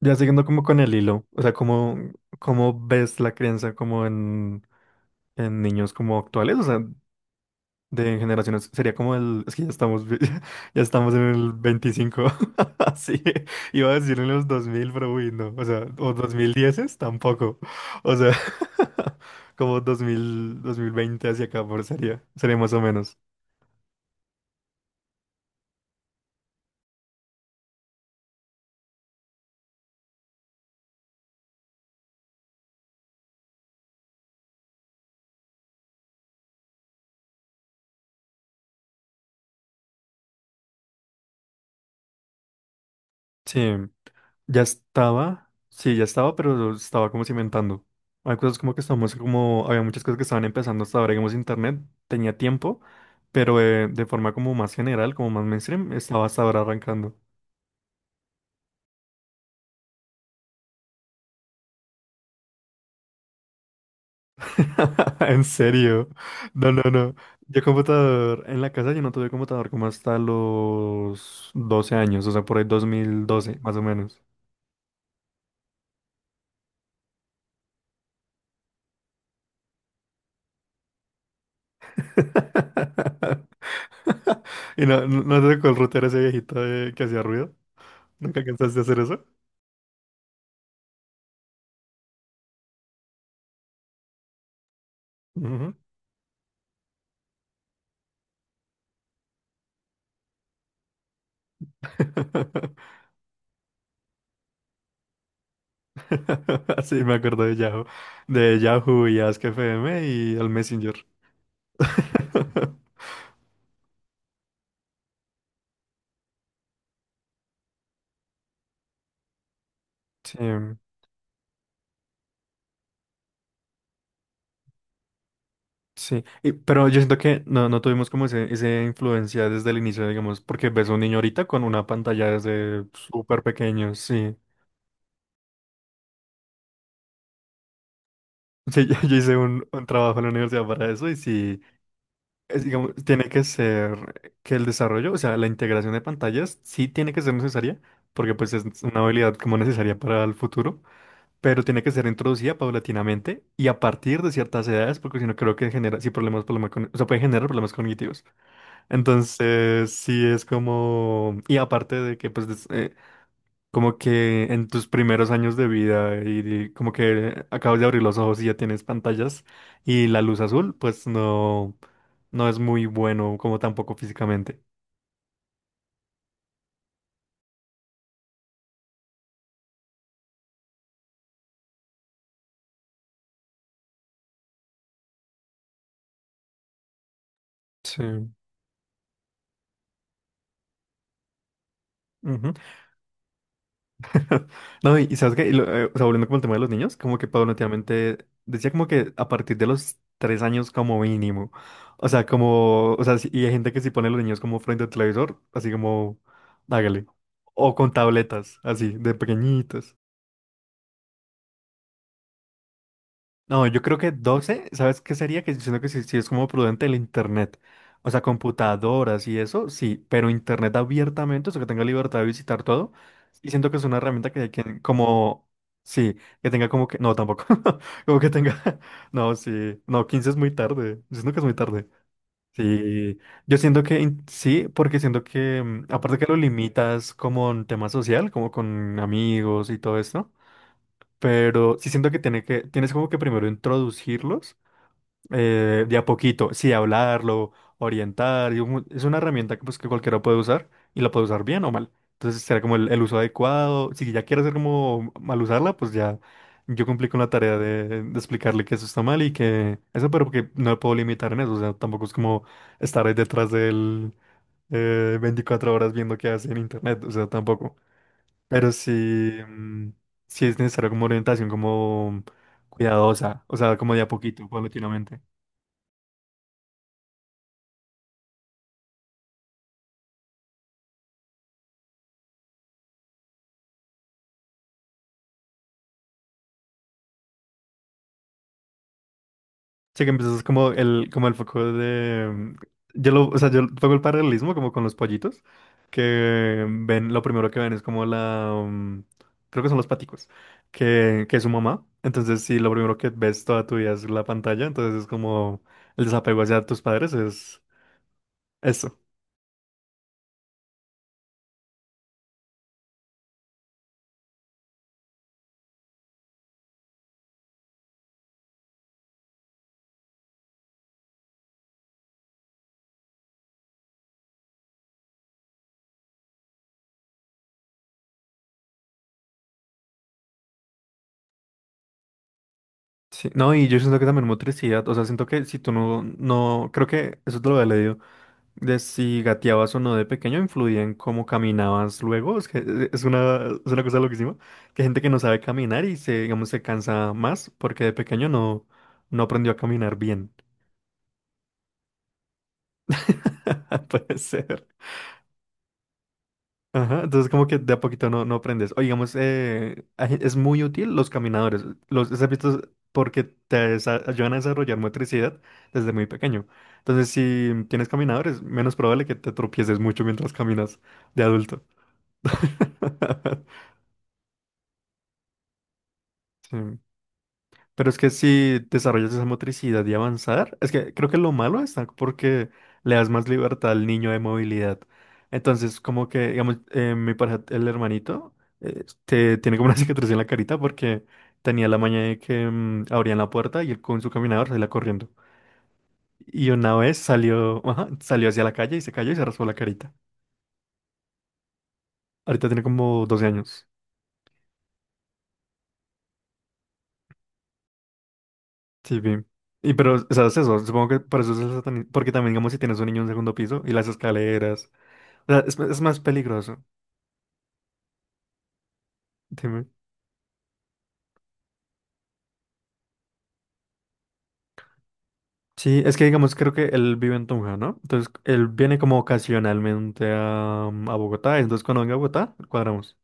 Ya siguiendo como con el hilo, o sea, ¿cómo ves la crianza como en niños como actuales? O sea, de generaciones, sería como es que ya estamos, ya estamos en el 25. Sí, iba a decir en los dos mil, pero uy, no, o sea, o 2010 tampoco, o sea, como 2020 hacia acá, por sería más o menos. Sí. Ya estaba, sí, ya estaba, pero estaba como cimentando. Hay cosas como que estamos, como, había muchas cosas que estaban empezando hasta ahora, digamos, internet tenía tiempo, pero de forma como más general, como más mainstream, estaba hasta ahora arrancando. En serio. No, no, no. Yo computador, en la casa yo no tuve computador como hasta los 12 años, o sea, por ahí 2012 más o menos. Y no te tocó el router ese viejito que hacía ruido. ¿Nunca cansaste de hacer eso? Ujú. Sí, me acuerdo de Yahoo, y Ask FM y el Messenger. Sí, sí. Pero yo siento que no tuvimos como esa influencia desde el inicio, digamos, porque ves a un niño ahorita con una pantalla desde súper pequeño, sí. Sí, yo hice un trabajo en la universidad para eso y sí, es, digamos, tiene que ser que el desarrollo, o sea, la integración de pantallas sí tiene que ser necesaria, porque pues es una habilidad como necesaria para el futuro. Pero tiene que ser introducida paulatinamente y a partir de ciertas edades, porque si no creo que genera, sí, problemas, problemas con, o sea, puede generar problemas cognitivos. Entonces, sí es como, y aparte de que, pues, como que en tus primeros años de vida y, como que acabas de abrir los ojos y ya tienes pantallas y la luz azul, pues no es muy bueno, como tampoco físicamente. Sí. No, y sabes qué. O sea, volviendo como el tema de los niños, como que paulatinamente decía como que a partir de los 3 años como mínimo. O sea, como, o sea, y hay gente que si pone a los niños como frente al televisor, así como, hágale. O con tabletas, así, de pequeñitos. No, yo creo que 12. ¿Sabes qué sería? Que siento que sí, sí es como prudente el internet. O sea, computadoras y eso, sí, pero internet abiertamente, o sea, que tenga libertad de visitar todo. Y siento que es una herramienta que hay quien, como, sí, que tenga como que, no, tampoco, como que tenga, no, sí, no, 15 es muy tarde, yo siento que es muy tarde. Sí, yo siento que sí, porque siento que, aparte que lo limitas como en tema social, como con amigos y todo esto. Pero sí siento que, tienes como que primero introducirlos, de a poquito, sí, hablarlo, orientar. Y es una herramienta que, pues, que cualquiera puede usar y la puede usar bien o mal. Entonces será como el uso adecuado. Si ya quiere hacer como mal usarla, pues ya yo cumplí con la tarea de explicarle que eso está mal y que eso, pero que no lo puedo limitar en eso. O sea, tampoco es como estar ahí detrás del 24 horas viendo qué hace en internet. O sea, tampoco. Pero sí, sí es necesario como orientación como cuidadosa, o sea, como de a poquito, paulatinamente. Sí que empiezas como el foco de... Yo lo, o sea, yo pongo el paralelismo como con los pollitos, que ven, lo primero que ven es como la... creo que son los paticos, que es su mamá. Entonces, si lo primero que ves toda tu vida es la pantalla, entonces es como el desapego hacia tus padres, es eso. Sí, no, y yo siento que también motricidad, o sea, siento que si tú no, creo que eso te lo había leído, de si gateabas o no de pequeño influía en cómo caminabas luego, es que es una cosa loquísima, que hay gente que no sabe caminar y se, digamos, se cansa más porque de pequeño no aprendió a caminar bien. Puede ser. Ajá, entonces como que de a poquito no aprendes. O digamos, es muy útil los caminadores, los has porque ayudan a desarrollar motricidad desde muy pequeño. Entonces, si tienes caminadores, menos probable que te tropieces mucho mientras caminas de adulto. Sí. Pero es que si desarrollas esa motricidad y avanzar, es que creo que lo malo está porque le das más libertad al niño de movilidad. Entonces, como que, digamos, mi pareja, el hermanito, tiene como una cicatriz en la carita porque tenía la maña de que abrían la puerta y él con su caminador salía corriendo. Y una vez salió, ajá, salió hacia la calle y se cayó y se raspó la carita. Ahorita tiene como 12 años. Sí, bien. Y pero, ¿sabes eso? Supongo que por eso es porque también, digamos, si tienes un niño en segundo piso y las escaleras. O sea, es más peligroso. Dime. Sí, es que digamos, creo que él vive en Tunja, ¿no? Entonces, él viene como ocasionalmente a Bogotá. Entonces, cuando venga a Bogotá, cuadramos.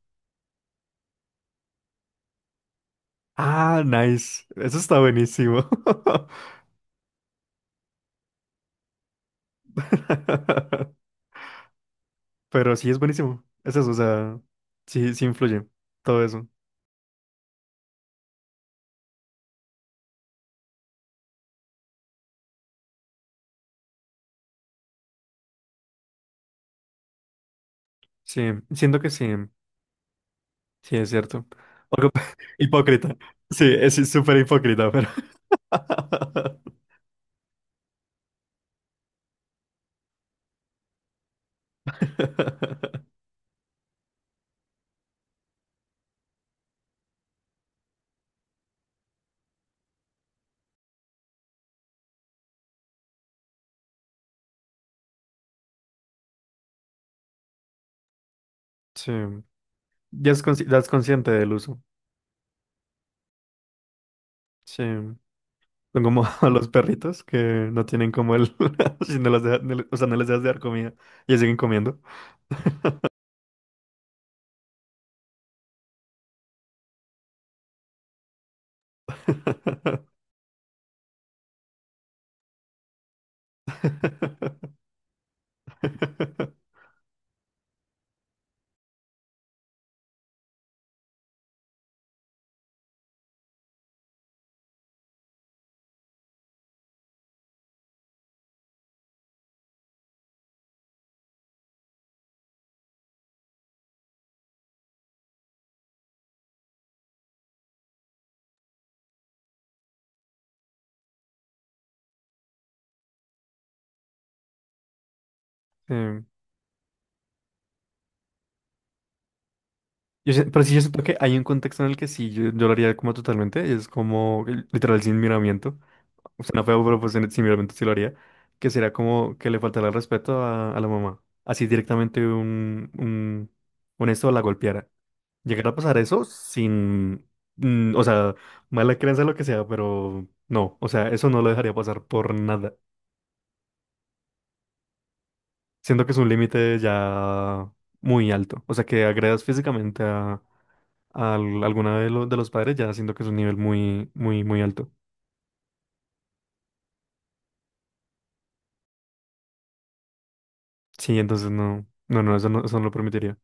Ah, nice. Eso está buenísimo. Pero sí, es buenísimo. Es eso, o sea, sí, sí influye todo eso. Sí, siento que sí, sí es cierto. Algo hipócrita. Sí, es súper hipócrita, pero... Sí, ya es consciente del uso. Sí. Son como a los perritos que no tienen como el... si no las deja- no le- o sea, no les dejas de dar comida y siguen comiendo. Em, pero sí, yo siento que hay un contexto en el que sí, yo lo haría como totalmente. Es como literal sin miramiento. O sea, no feo, pero pues sin miramiento sí lo haría. Que sería como que le faltara el respeto a la mamá. Así directamente un esto la golpeara. Llegar a pasar eso sin, o sea, mala creencia, lo que sea, pero no, o sea, eso no lo dejaría pasar por nada. Siento que es un límite ya muy alto. O sea, que agredas físicamente a alguna de los padres, ya siento que es un nivel muy, muy, muy alto. Sí, entonces no, no, no, eso no, eso no lo permitiría.